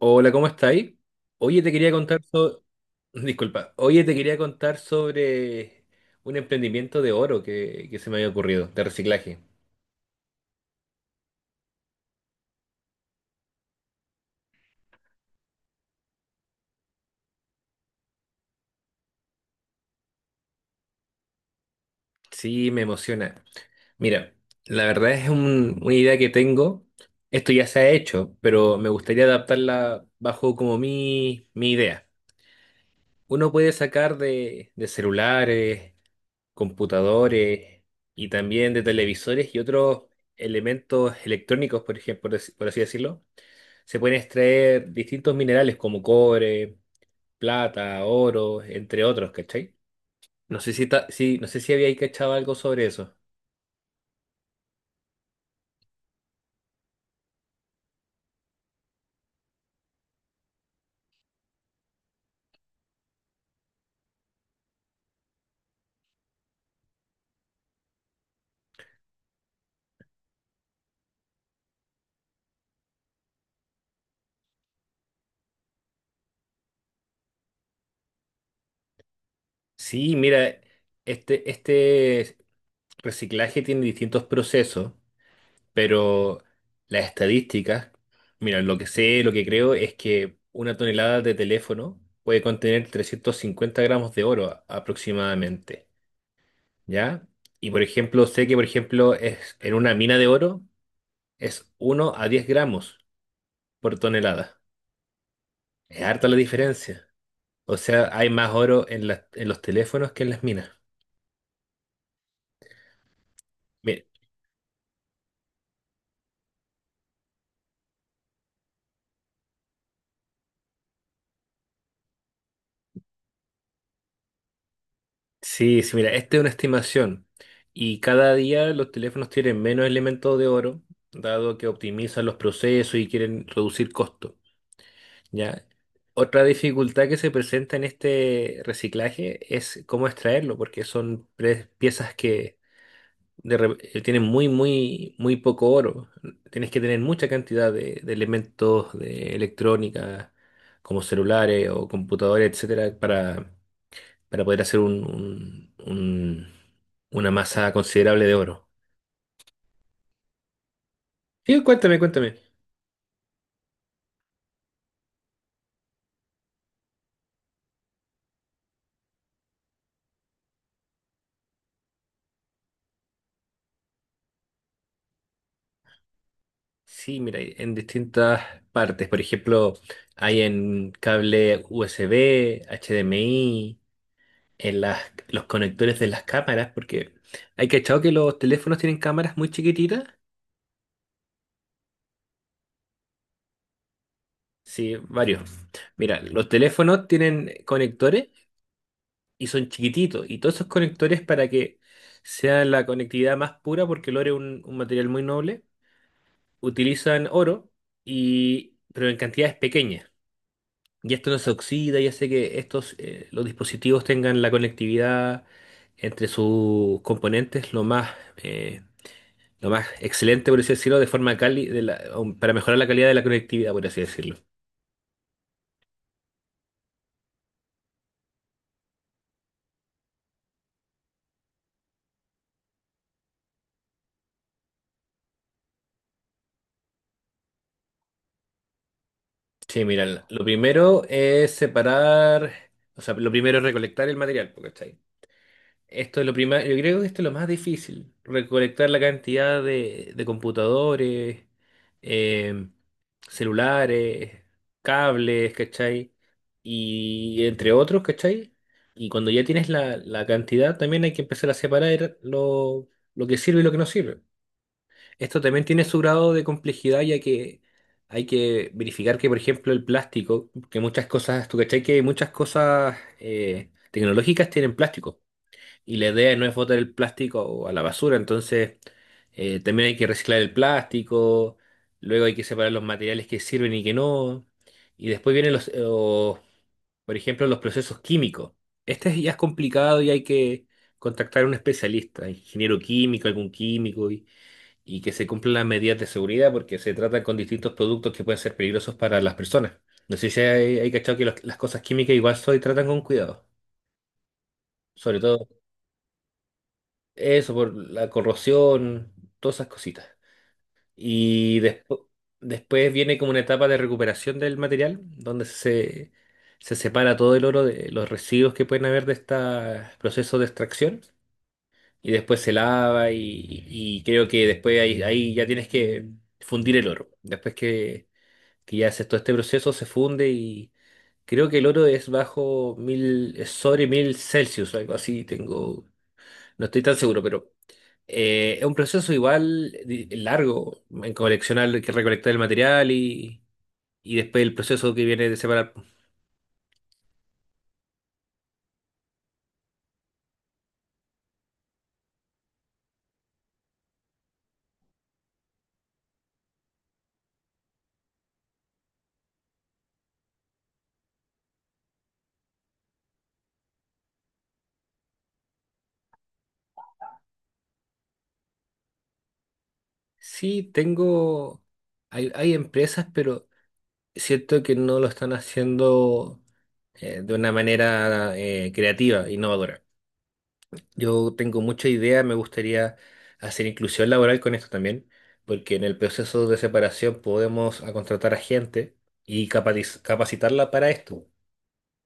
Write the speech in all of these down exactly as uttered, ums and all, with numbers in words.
Hola, ¿cómo estáis? Oye, te quería contar sobre... Disculpa. Oye, te quería contar sobre un emprendimiento de oro que, que se me había ocurrido, de reciclaje. Sí, me emociona. Mira, la verdad es un- una idea que tengo. Esto ya se ha hecho, pero me gustaría adaptarla bajo como mi, mi idea. Uno puede sacar de, de celulares, computadores y también de televisores y otros elementos electrónicos, por ejemplo, por así por así decirlo. Se pueden extraer distintos minerales como cobre, plata, oro, entre otros, ¿cachai? No sé si, ta- sí, no sé si había ahí cachado algo sobre eso. Sí, mira, este, este reciclaje tiene distintos procesos, pero las estadísticas, mira, lo que sé, lo que creo es que una tonelada de teléfono puede contener trescientos cincuenta gramos de oro a- aproximadamente, ¿ya? Y por ejemplo, sé que por ejemplo es en una mina de oro, es uno a diez gramos por tonelada. Es harta la diferencia. O sea, hay más oro en las- en los teléfonos que en las minas. Mira, sí, sí, mira, esta es una estimación. Y cada día los teléfonos tienen menos elementos de oro, dado que optimizan los procesos y quieren reducir costos. ¿Ya? Otra dificultad que se presenta en este reciclaje es cómo extraerlo, porque son pre- piezas que de re- eh, tiene muy, muy, muy poco oro. Tienes que tener mucha cantidad de, de elementos de electrónica, como celulares o computadores, etcétera, para, para poder hacer un, un- un- una masa considerable de oro. Sí, cuéntame, cuéntame. Sí, mira, hay en distintas partes. Por ejemplo, hay en cable U S B, H D M I, en las, los conectores de las cámaras, porque hay cachado que los teléfonos tienen cámaras muy chiquititas. Sí, varios. Mira, los teléfonos tienen conectores y son chiquititos. Y todos esos conectores para que sea la conectividad más pura, porque el oro es un, un material muy noble, utilizan oro, y, pero en cantidades pequeñas. Y esto no se oxida y hace que estos, eh, los dispositivos tengan la conectividad entre sus componentes lo más, eh, lo más excelente, por así decirlo, de forma cali de la- um, para mejorar la calidad de la conectividad, por así decirlo. Sí, mira, lo primero es separar, o sea, lo primero es recolectar el material, po, ¿cachai? Esto es lo primero, yo creo que esto es lo más difícil, recolectar la cantidad de, de computadores, eh, celulares, cables, ¿cachai? Y entre otros, ¿cachai? Y cuando ya tienes la, la cantidad, también hay que empezar a separar lo, lo que sirve y lo que no sirve. Esto también tiene su grado de complejidad, ya que hay que verificar que, por ejemplo, el plástico, que muchas cosas, tú cachai que muchas cosas eh, tecnológicas tienen plástico, y la idea no es botar el plástico a la basura, entonces eh, también hay que reciclar el plástico, luego hay que separar los materiales que sirven y que no, y después vienen los, eh, o, por ejemplo, los procesos químicos. Este ya es complicado y hay que contactar a un especialista, ingeniero químico, algún químico, y y que se cumplan las medidas de seguridad porque se trata con distintos productos que pueden ser peligrosos para las personas. No sé si hay, hay cachado que los- las cosas químicas igual se tratan con cuidado, sobre todo eso por la corrosión, todas esas cositas. Y despu- Después viene como una etapa de recuperación del material donde se, se separa todo el oro de los residuos que pueden haber de este proceso de extracción. Y después se lava y, y creo que después ahí ahí ya tienes que fundir el oro. Después que, que ya hace todo este proceso, se funde y creo que el oro es bajo mil, es sobre mil Celsius, algo así, tengo, no estoy tan seguro, pero eh, es un proceso igual di- largo en coleccionar, que recolectar el material y, y después el proceso que viene de separar. Sí, tengo, hay, hay empresas, pero siento que no lo están haciendo eh, de una manera eh, creativa, innovadora. Yo tengo mucha idea, me gustaría hacer inclusión laboral con esto también, porque en el proceso de separación podemos a contratar a gente y capatis- capacitarla para esto.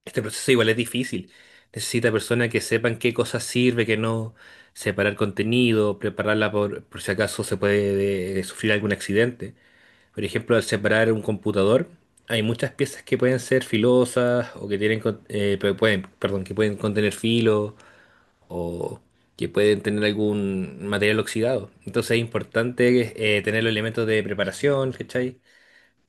Este proceso igual es difícil. Necesita personas que sepan qué cosas sirve, qué no, separar contenido, prepararla por, por si acaso se puede eh, sufrir algún accidente. Por ejemplo, al separar un computador, hay muchas piezas que pueden ser filosas o que tienen, con- eh, pe- pueden, perdón, que pueden contener filo o que pueden tener algún material oxidado. Entonces es importante eh, tener los elementos de preparación, ¿cachai?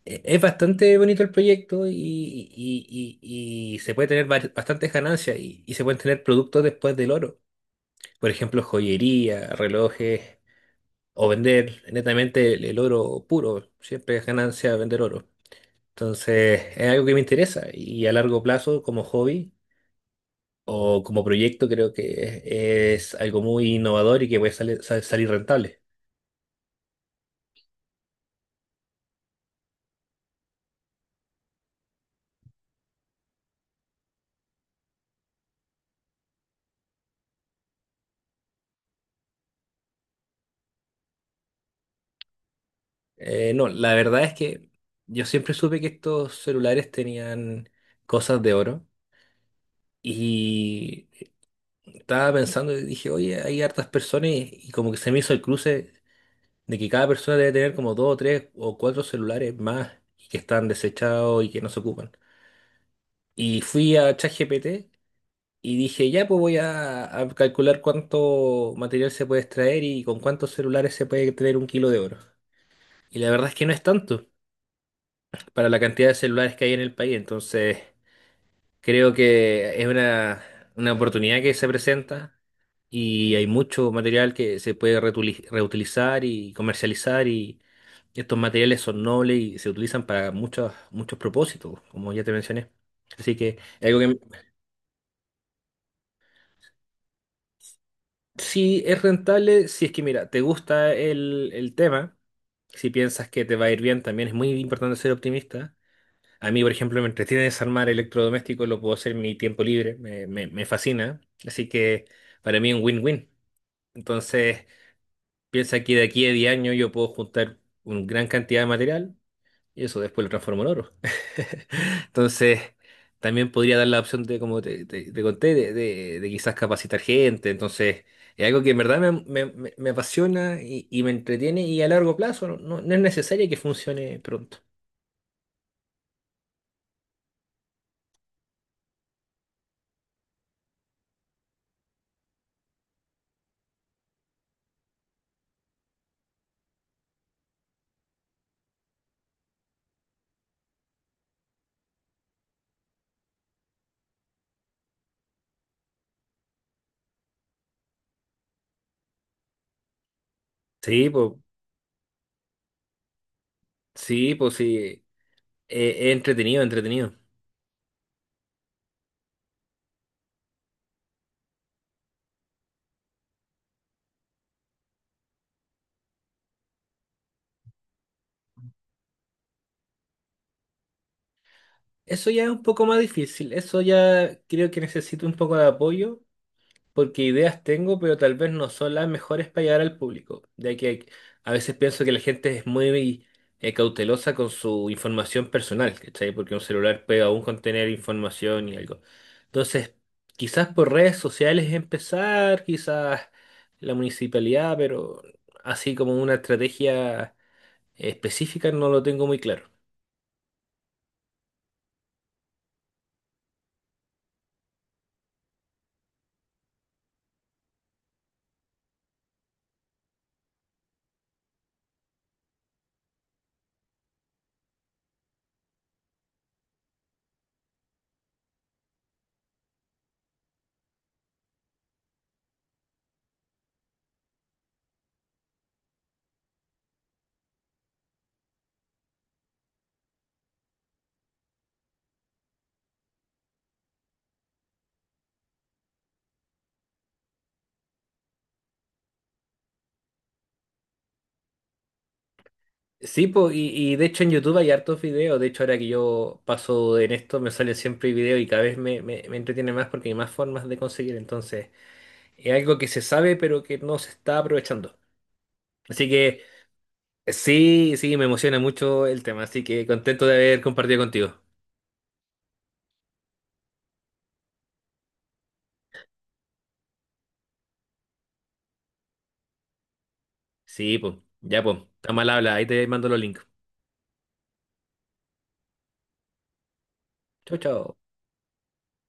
Eh, Es bastante bonito el proyecto y, y- y- y se puede tener vari- bastantes ganancias y, y se pueden tener productos después del oro. Por ejemplo, joyería, relojes o vender netamente el, el oro puro. Siempre es ganancia vender oro. Entonces es algo que me interesa y a largo plazo como hobby o como proyecto creo que es, es algo muy innovador y que puede sale- sal- salir rentable. Eh, no, la verdad es que yo siempre supe que estos celulares tenían cosas de oro y estaba pensando y dije, oye, hay hartas personas y, y como que se me hizo el cruce de que cada persona debe tener como dos o tres o cuatro celulares más y que están desechados y que no se ocupan. Y fui a ChatGPT. Y dije, ya, pues voy a, a calcular cuánto material se puede extraer y con cuántos celulares se puede tener un kilo de oro. Y la verdad es que no es tanto para la cantidad de celulares que hay en el país. Entonces, creo que es una, una oportunidad que se presenta y hay mucho material que se puede reutili- reutilizar y comercializar y estos materiales son nobles y se utilizan para muchos, muchos propósitos, como ya te mencioné. Así que es algo que, sí, es rentable si es que, mira, te gusta el, el tema, si piensas que te va a ir bien, también es muy importante ser optimista. A mí, por ejemplo, me entretiene desarmar electrodomésticos, lo puedo hacer en mi tiempo libre, me, me- me fascina. Así que para mí es un win-win. Entonces, piensa que de aquí a diez años yo puedo juntar una gran cantidad de material y eso después lo transformó en oro. Entonces, también podría dar la opción de, como te, te- te conté, de, de- de quizás capacitar gente. Entonces, es algo que en verdad me, me- me- me apasiona y, y me entretiene y a largo plazo no, no- no es necesario que funcione pronto. Sí, pues, sí, pues sí, e, es entretenido, entretenido. Eso ya es un poco más difícil, eso ya creo que necesito un poco de apoyo porque ideas tengo, pero tal vez no son las mejores para llegar al público, ya que hay- a veces pienso que la gente es muy eh, cautelosa con su información personal, ¿cachai? Porque un celular puede aún contener información y algo. Entonces, quizás por redes sociales empezar, quizás la municipalidad, pero así como una estrategia específica no lo tengo muy claro. Sí, po, y, y de hecho en YouTube hay hartos videos. De hecho, ahora que yo paso en esto, me salen siempre videos y cada vez me, me, me entretiene más porque hay más formas de conseguir. Entonces, es algo que se sabe, pero que no se está aprovechando. Así que sí, sí, me emociona mucho el tema. Así que contento de haber compartido contigo. Sí, pues, ya, pues, está mal habla. Ahí te mando los links. Chau, chau.